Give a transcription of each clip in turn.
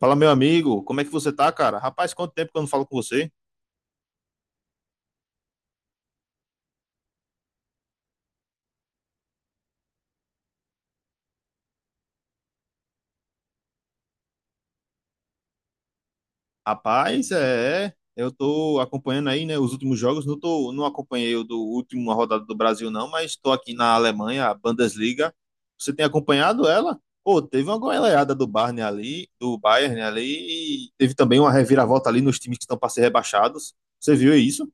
Fala, meu amigo, como é que você tá, cara? Rapaz, quanto tempo que eu não falo com você? Rapaz, eu tô acompanhando aí, né, os últimos jogos, não acompanhei o do último rodada do Brasil não, mas tô aqui na Alemanha, a Bundesliga. Você tem acompanhado ela? Pô, teve uma goleada do Bayern ali, e teve também uma reviravolta ali nos times que estão para ser rebaixados. Você viu isso?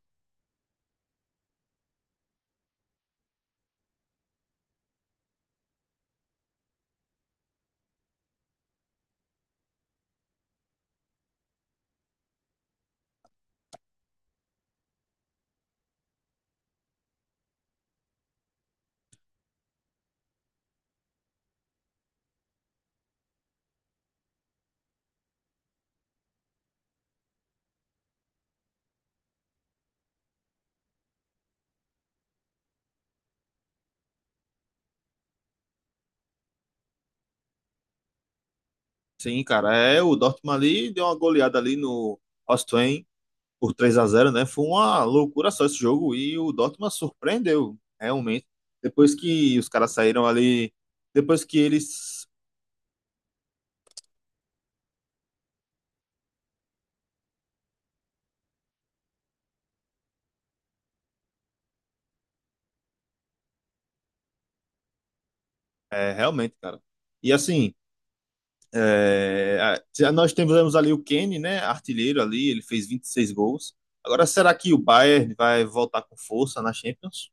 Sim, cara, o Dortmund ali deu uma goleada ali no Hoffenheim por 3-0, né? Foi uma loucura só esse jogo e o Dortmund surpreendeu, realmente. Depois que os caras saíram ali, depois que eles é, realmente, cara. E assim, é, nós temos ali o Kane, né, artilheiro ali, ele fez 26 gols. Agora, será que o Bayern vai voltar com força na Champions?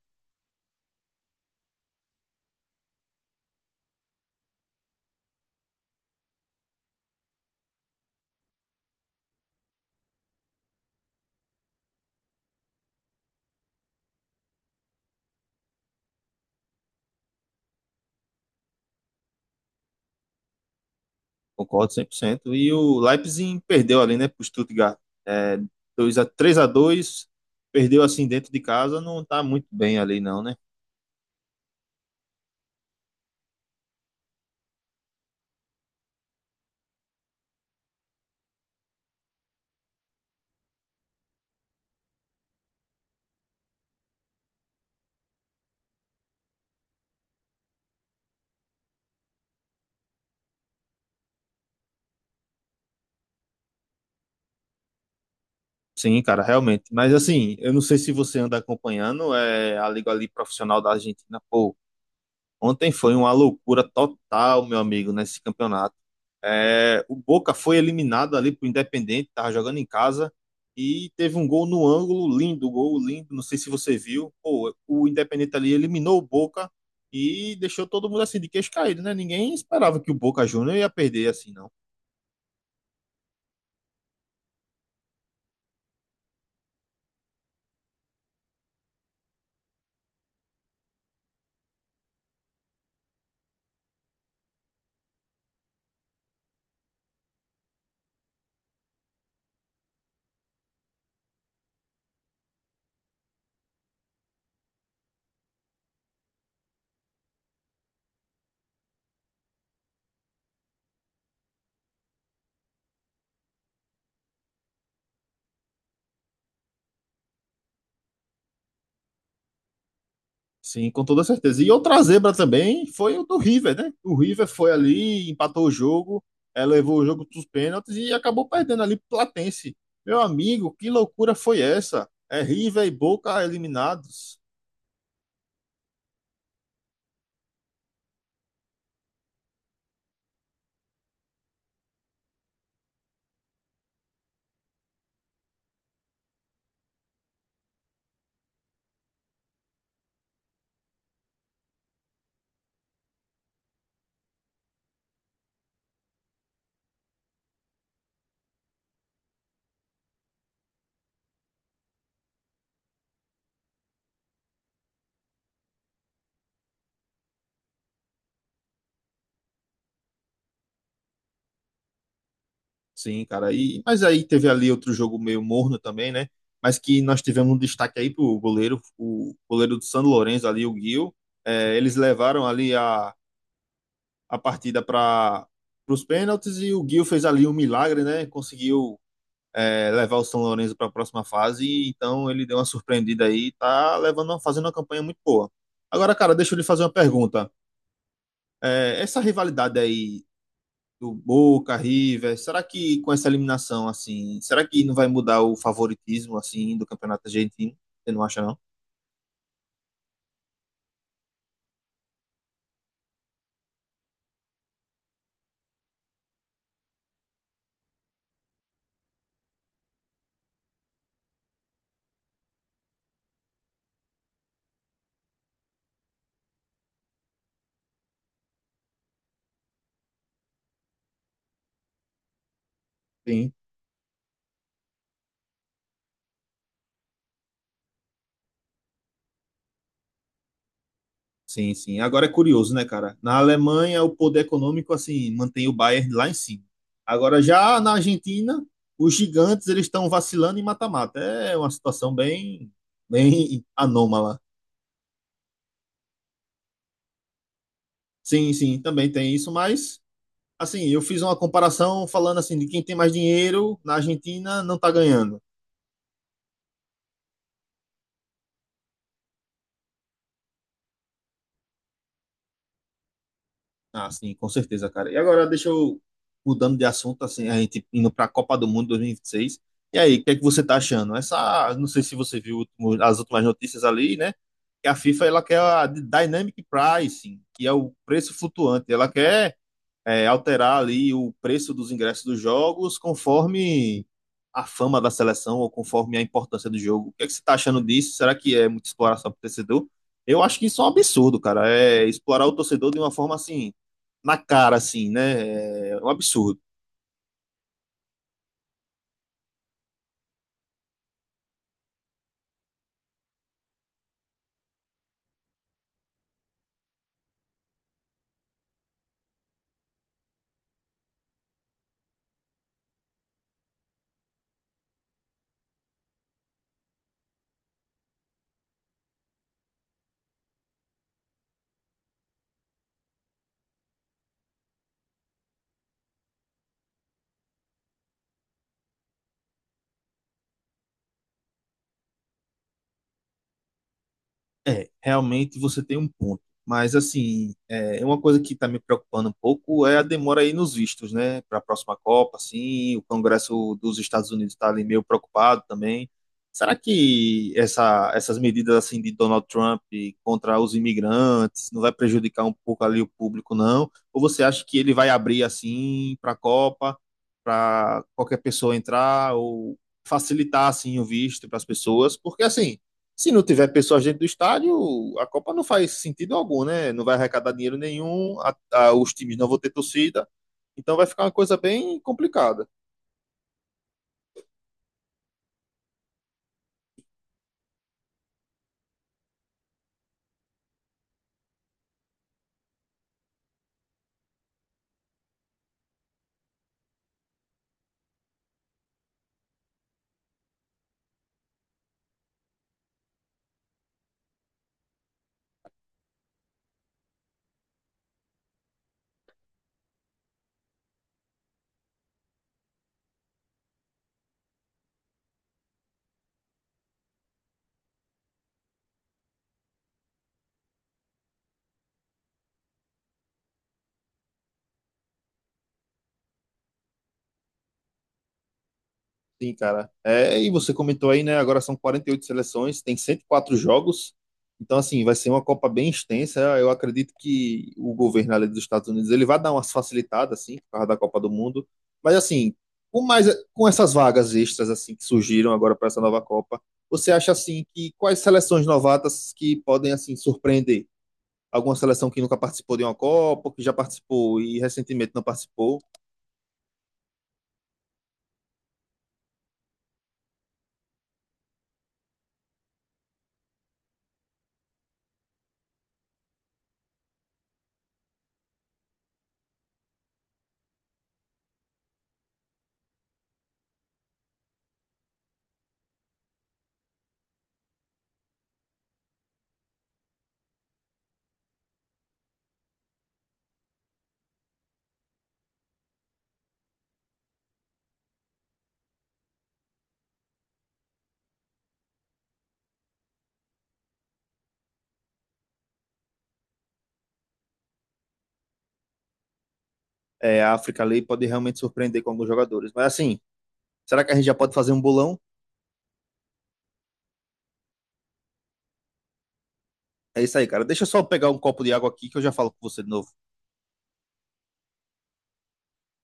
Concordo 100%. E o Leipzig perdeu ali, né, pro Stuttgart. É, 2 a 3-2, perdeu assim dentro de casa, não tá muito bem ali não, né? Sim, cara, realmente. Mas assim, eu não sei se você anda acompanhando a Liga ali profissional da Argentina. Pô, ontem foi uma loucura total, meu amigo, nesse campeonato. É, o Boca foi eliminado ali pro Independente, tava jogando em casa e teve um gol no ângulo, lindo, gol lindo. Não sei se você viu. Pô, o Independente ali eliminou o Boca e deixou todo mundo assim de queixo caído, né? Ninguém esperava que o Boca Júnior ia perder assim, não. Sim, com toda certeza. E outra zebra também foi o do River, né? O River foi ali, empatou o jogo, levou o jogo para os pênaltis e acabou perdendo ali pro Platense. Meu amigo, que loucura foi essa? É River e Boca eliminados. Sim, cara. E, mas aí teve ali outro jogo meio morno também, né? Mas que nós tivemos um destaque aí pro goleiro, o goleiro do São Lourenço ali, o Gil. Eles levaram ali a partida para os pênaltis e o Gil fez ali um milagre, né? Conseguiu levar o São Lourenço para a próxima fase, então ele deu uma surpreendida aí, tá levando, fazendo uma campanha muito boa. Agora, cara, deixa eu lhe fazer uma pergunta. Essa rivalidade aí do Boca, River, será que com essa eliminação, assim, será que não vai mudar o favoritismo, assim, do campeonato argentino? Você não acha, não? Sim. Sim, sim. Agora é curioso, né, cara? Na Alemanha, o poder econômico, assim, mantém o Bayern lá em cima. Agora, já na Argentina, os gigantes, eles estão vacilando em mata-mata. É uma situação bem, bem anômala. Sim, sim, também tem isso, mas, assim, eu fiz uma comparação falando, assim, de quem tem mais dinheiro na Argentina não tá ganhando. Ah, sim, com certeza, cara. E agora, deixa eu mudando de assunto, assim, a gente indo para a Copa do Mundo 2026. E vinte e seis. E aí, o que é que você tá achando? Essa, não sei se você viu as últimas notícias ali, né? Que a FIFA ela quer a Dynamic Pricing, que é o preço flutuante. Ela quer alterar ali o preço dos ingressos dos jogos conforme a fama da seleção ou conforme a importância do jogo. O que é que você está achando disso? Será que é muita exploração para o torcedor? Eu acho que isso é um absurdo, cara. É explorar o torcedor de uma forma assim, na cara, assim, né? É um absurdo. É, realmente você tem um ponto. Mas, assim, é uma coisa que está me preocupando um pouco é a demora aí nos vistos, né? Para a próxima Copa, assim, o Congresso dos Estados Unidos está ali meio preocupado também. Será que essas medidas, assim, de Donald Trump contra os imigrantes não vai prejudicar um pouco ali o público, não? Ou você acha que ele vai abrir, assim, para a Copa, para qualquer pessoa entrar, ou facilitar, assim, o visto para as pessoas? Porque, assim se não tiver pessoas dentro do estádio, a Copa não faz sentido algum, né? Não vai arrecadar dinheiro nenhum, os times não vão ter torcida, então vai ficar uma coisa bem complicada. Sim, cara. É, e você comentou aí, né? Agora são 48 seleções, tem 104 jogos. Então, assim, vai ser uma Copa bem extensa. Eu acredito que o governo ali dos Estados Unidos ele vai dar umas facilitadas, assim, por causa da Copa do Mundo. Mas, assim, com mais, com essas vagas extras, assim, que surgiram agora para essa nova Copa, você acha, assim, que quais seleções novatas que podem, assim, surpreender? Alguma seleção que nunca participou de uma Copa, que já participou e recentemente não participou? É, a África ali pode realmente surpreender com alguns jogadores. Mas, assim. Será que a gente já pode fazer um bolão? É isso aí, cara. Deixa eu só pegar um copo de água aqui que eu já falo com você de novo.